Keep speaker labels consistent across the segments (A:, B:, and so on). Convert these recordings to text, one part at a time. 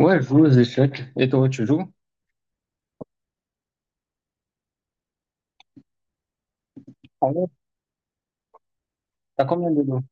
A: Ouais, je joue aux échecs. Et toi, tu joues? En vrai, t'as combien de dos?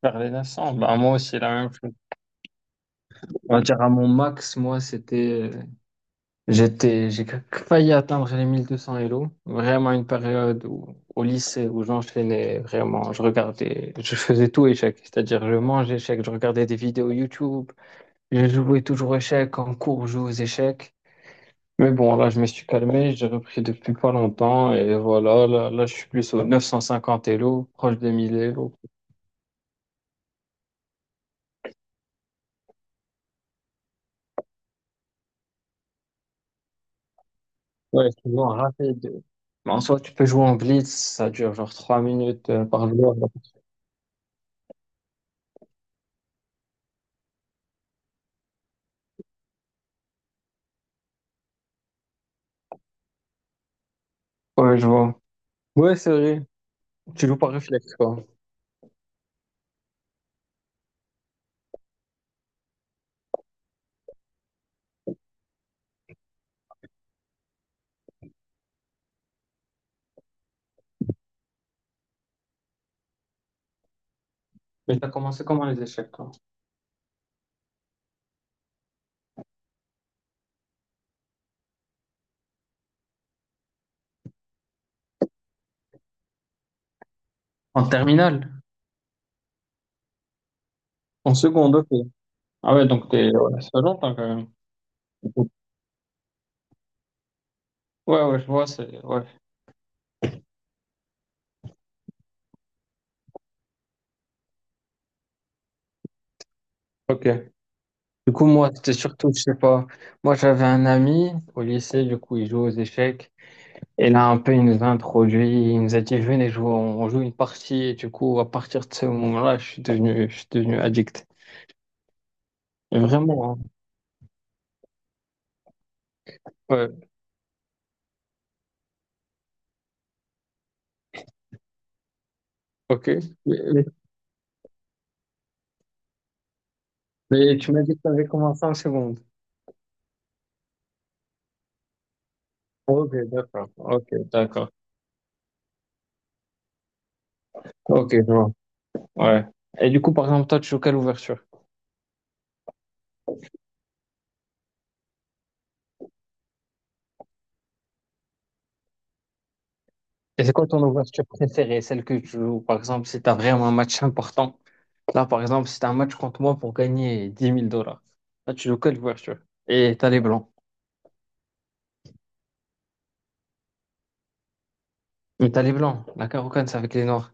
A: Faire les 900. Bah, moi aussi, la même chose. On va dire à mon max, moi, c'était. J'étais. J'ai failli atteindre les 1200 Elo. Vraiment une période où, au lycée où j'enchaînais vraiment. Je regardais. Je faisais tout échec. C'est-à-dire, je mangeais échec, je regardais des vidéos YouTube. Je jouais toujours aux échecs. En cours, je jouais aux échecs. Mais bon, là, je me suis calmé. J'ai repris depuis pas longtemps. Et voilà, là, je suis plus aux 950 Elo, proche des 1000 Elo. Ouais, souvent rapide. Mais en soi, tu peux jouer en blitz, ça dure genre 3 minutes par joueur. Ouais, je vois. Ouais, c'est vrai. Tu joues par réflexe, quoi. Mais t'as commencé comment les échecs, toi? En terminale? En seconde, ok. Ah ouais, donc t'es... Ouais, ça fait longtemps, quand même. Ouais, ouais, je vois, c'est... Ouais, ok. Du coup, moi, c'était surtout, je sais pas... Moi, j'avais un ami au lycée, du coup, il joue aux échecs. Et là, un peu, il nous a introduit, il nous a dit, venez jouer, on joue une partie. Et du coup, à partir de ce moment-là, je suis devenu addict. Vraiment, hein. Ouais, ok. Mais, mais- mais tu m'as dit que tu avais commencé en seconde. Ok, d'accord. Ok, d'accord. Ok, je vois. Ouais. Et du coup, par exemple, toi, tu joues quelle ouverture? Et c'est quoi ton ouverture préférée? Celle que tu joues, par exemple, si tu as vraiment un match important. Là, par exemple, si tu un match contre moi pour gagner 10 000 dollars. Là, tu joues quelle ouverture? Et t'as les blancs. Mais t'as les blancs. La Carocane, c'est avec les noirs.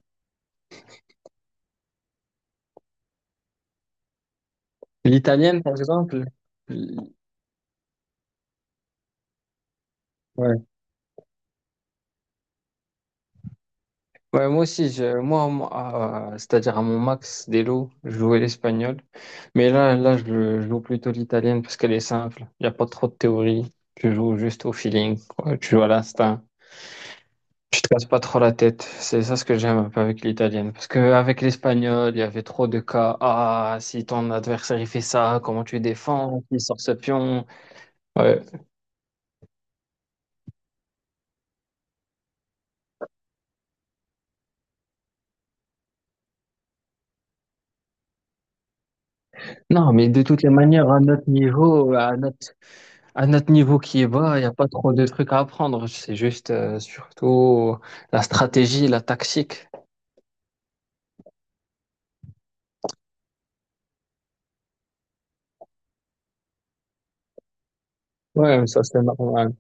A: L'italienne, par exemple. l- Ouais. Ouais, moi aussi, moi, moi, c'est-à-dire à mon max des lots, je jouais l'espagnol. Mais là, je joue plutôt l'italienne parce qu'elle est simple. Il n'y a pas trop de théorie. Tu joues juste au feeling, quoi. Tu joues à l'instinct. Tu te casses pas trop la tête. C'est ça ce que j'aime un peu avec l'italienne. Parce qu'avec l'espagnol, il y avait trop de cas. Ah, si ton adversaire il fait ça, comment tu défends? Il sort ce pion. Ouais. Non, mais de toutes les manières, à notre niveau, à notre niveau qui est bas, il n'y a pas trop de trucs à apprendre. C'est juste surtout la stratégie, la tactique. Ouais, mais ça c'est normal.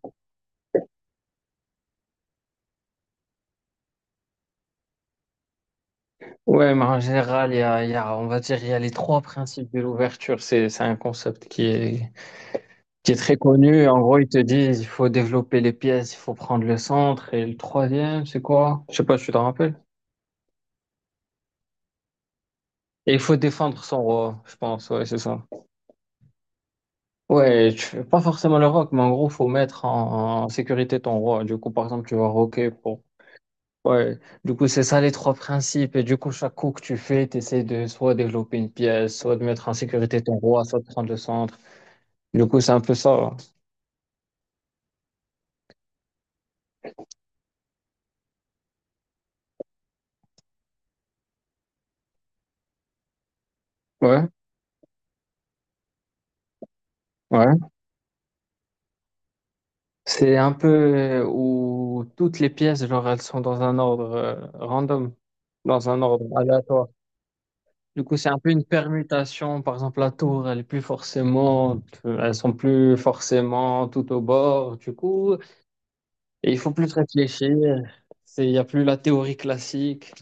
A: Ouais, mais en général, on va dire, il y a les trois principes de l'ouverture. C'est un concept qui est très connu. En gros, ils te disent, il faut développer les pièces, il faut prendre le centre. Et le troisième, c'est quoi? Je sais pas, tu te rappelles? Et il faut défendre son roi, je pense. Ouais, c'est ça. Ouais, tu fais pas forcément le rock, mais en gros, faut mettre en sécurité ton roi. Du coup, par exemple, tu vas roquer pour. Ouais, du coup, c'est ça les trois principes. Et du coup, chaque coup que tu fais, tu essaies de soit développer une pièce, soit de mettre en sécurité ton roi, soit de prendre le centre. Du coup, c'est un peu ça. Ouais, ouais. C'est un peu où toutes les pièces, genre, elles sont dans un ordre random, dans un ordre aléatoire. Du coup, c'est un peu une permutation. Par exemple, la tour, elle est plus forcément, elles sont plus forcément tout au bord. Du coup, et il faut plus réfléchir. C'est, il n'y a plus la théorie classique.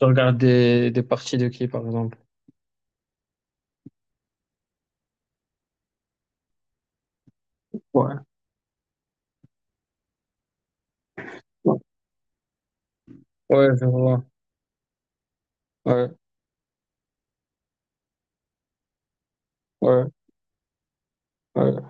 A: Je regarde des parties de qui, par exemple? Ouais, ouais, ouais, je vois. Ouais, ouais, ouais.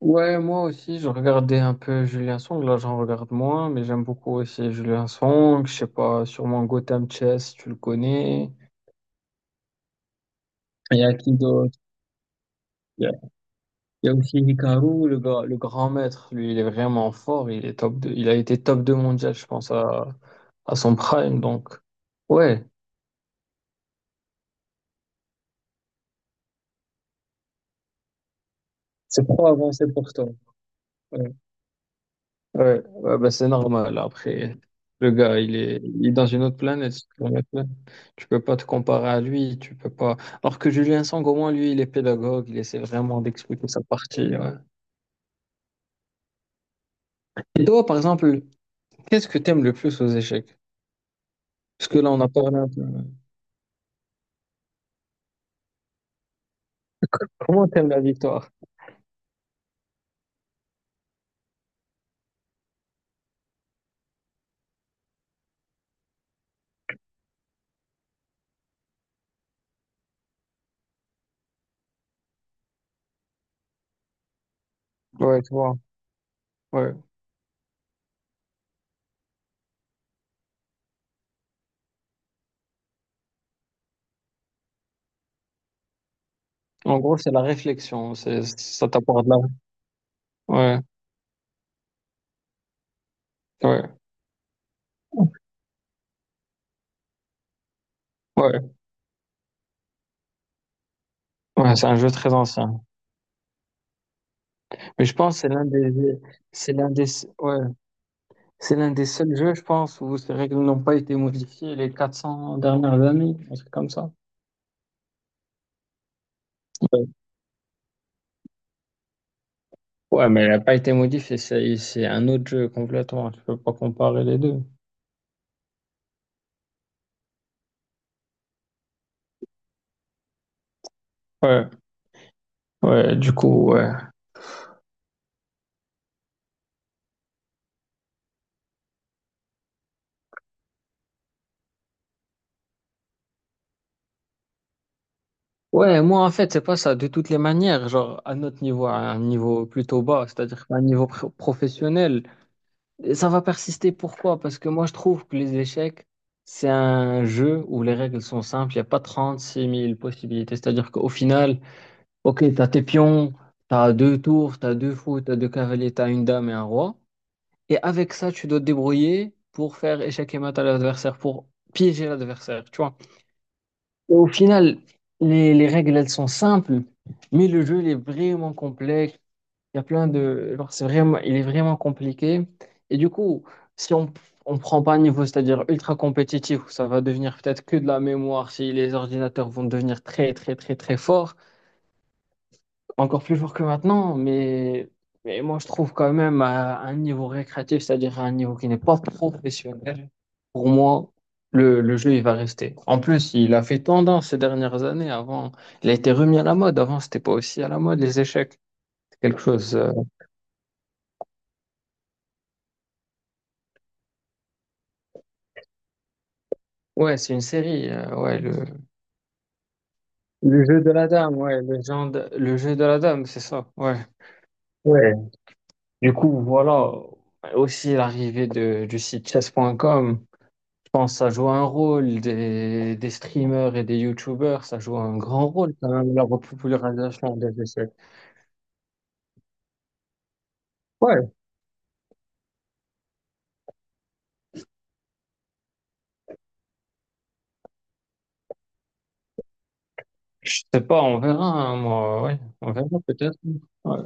A: Ouais, moi aussi, je regardais un peu Julien Song. Là, j'en regarde moins, mais j'aime beaucoup aussi Julien Song. Je sais pas, sûrement Gotham Chess, si tu le connais. Il y a qui d'autre? Il y a, il y a aussi Hikaru, le grand maître. Lui, il est vraiment fort. Il est top 2. Il a été top 2 mondial, je pense, à son prime. Donc, ouais, c'est trop avancé pour toi. Ouais, ouais, bah c'est normal. Après, le gars, il est dans une autre planète. Cette planète-là. Tu peux pas te comparer à lui. Tu peux pas. Alors que Julien Sang, au moins, lui, il est pédagogue. Il essaie vraiment d'expliquer sa partie. Ouais. Et toi, par exemple, qu'est-ce que t'aimes le plus aux échecs? Parce que là, on a parlé un peu. Comment t'aimes la victoire? Ouais, tu vois. Ouais. En gros, c'est la réflexion. C'est, ça t'apporte de la. Ouais, ouais. Ouais, ouais, c'est un jeu très ancien. Mais je pense que c'est l'un des, ouais, c'est l'un des seuls jeux, je pense, où ces règles n'ont pas été modifiées les 400 dernières années, un truc comme ça. Ouais, ouais, mais elle n'a pas été modifiée, c'est un autre jeu complètement, tu peux pas comparer les deux. Ouais, ouais, du coup, ouais. Ouais, moi, en fait, c'est pas ça, de toutes les manières, genre, à notre niveau, à un niveau plutôt bas, c'est-à-dire à un niveau professionnel, et ça va persister. Pourquoi? Parce que moi, je trouve que les échecs, c'est un jeu où les règles sont simples, il n'y a pas 36 000 possibilités, c'est-à-dire qu'au final, ok, t'as tes pions, t'as deux tours, t'as deux fous, t'as deux cavaliers, t'as une dame et un roi. Et avec ça, tu dois te débrouiller pour faire échec et mat à l'adversaire, pour piéger l'adversaire, tu vois. Et au final, les règles, elles sont simples, mais le jeu, il est vraiment complexe. Il y a plein de... genre, c'est vraiment... Il est vraiment compliqué. Et du coup, si on prend pas un niveau, c'est-à-dire ultra compétitif, où ça va devenir peut-être que de la mémoire, si les ordinateurs vont devenir très, très, très, très forts, encore plus fort que maintenant, mais moi je trouve quand même à un niveau récréatif, c'est-à-dire à un niveau qui n'est pas professionnel, pour moi, le jeu il va rester. En plus, il a fait tendance ces dernières années. Avant, il a été remis à la mode. Avant, c'était pas aussi à la mode les échecs. C'est quelque chose. Ouais, c'est une série. Ouais, le jeu de la dame. Ouais, le jeu de la dame, c'est ça. Ouais. Ouais. Du coup, voilà. Aussi l'arrivée de, du site chess.com. Pense que ça joue un rôle des streamers et des youtubeurs, ça joue un grand rôle quand même, la popularisation des essais. Ouais, je sais pas, on verra, hein, moi, ouais, on verra peut-être. Ouais.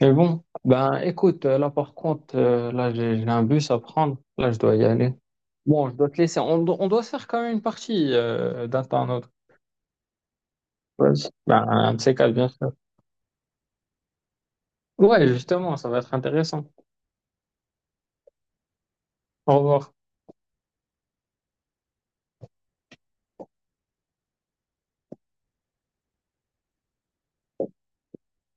A: Mais bon, ben écoute, là par contre, là j'ai un bus à prendre, là je dois y aller. Bon, je dois te laisser, on doit se faire quand même une partie d'un temps à un autre. Vas-y. Ben, un de ces quatre, bien sûr. Ouais, justement, ça va être intéressant. Au revoir.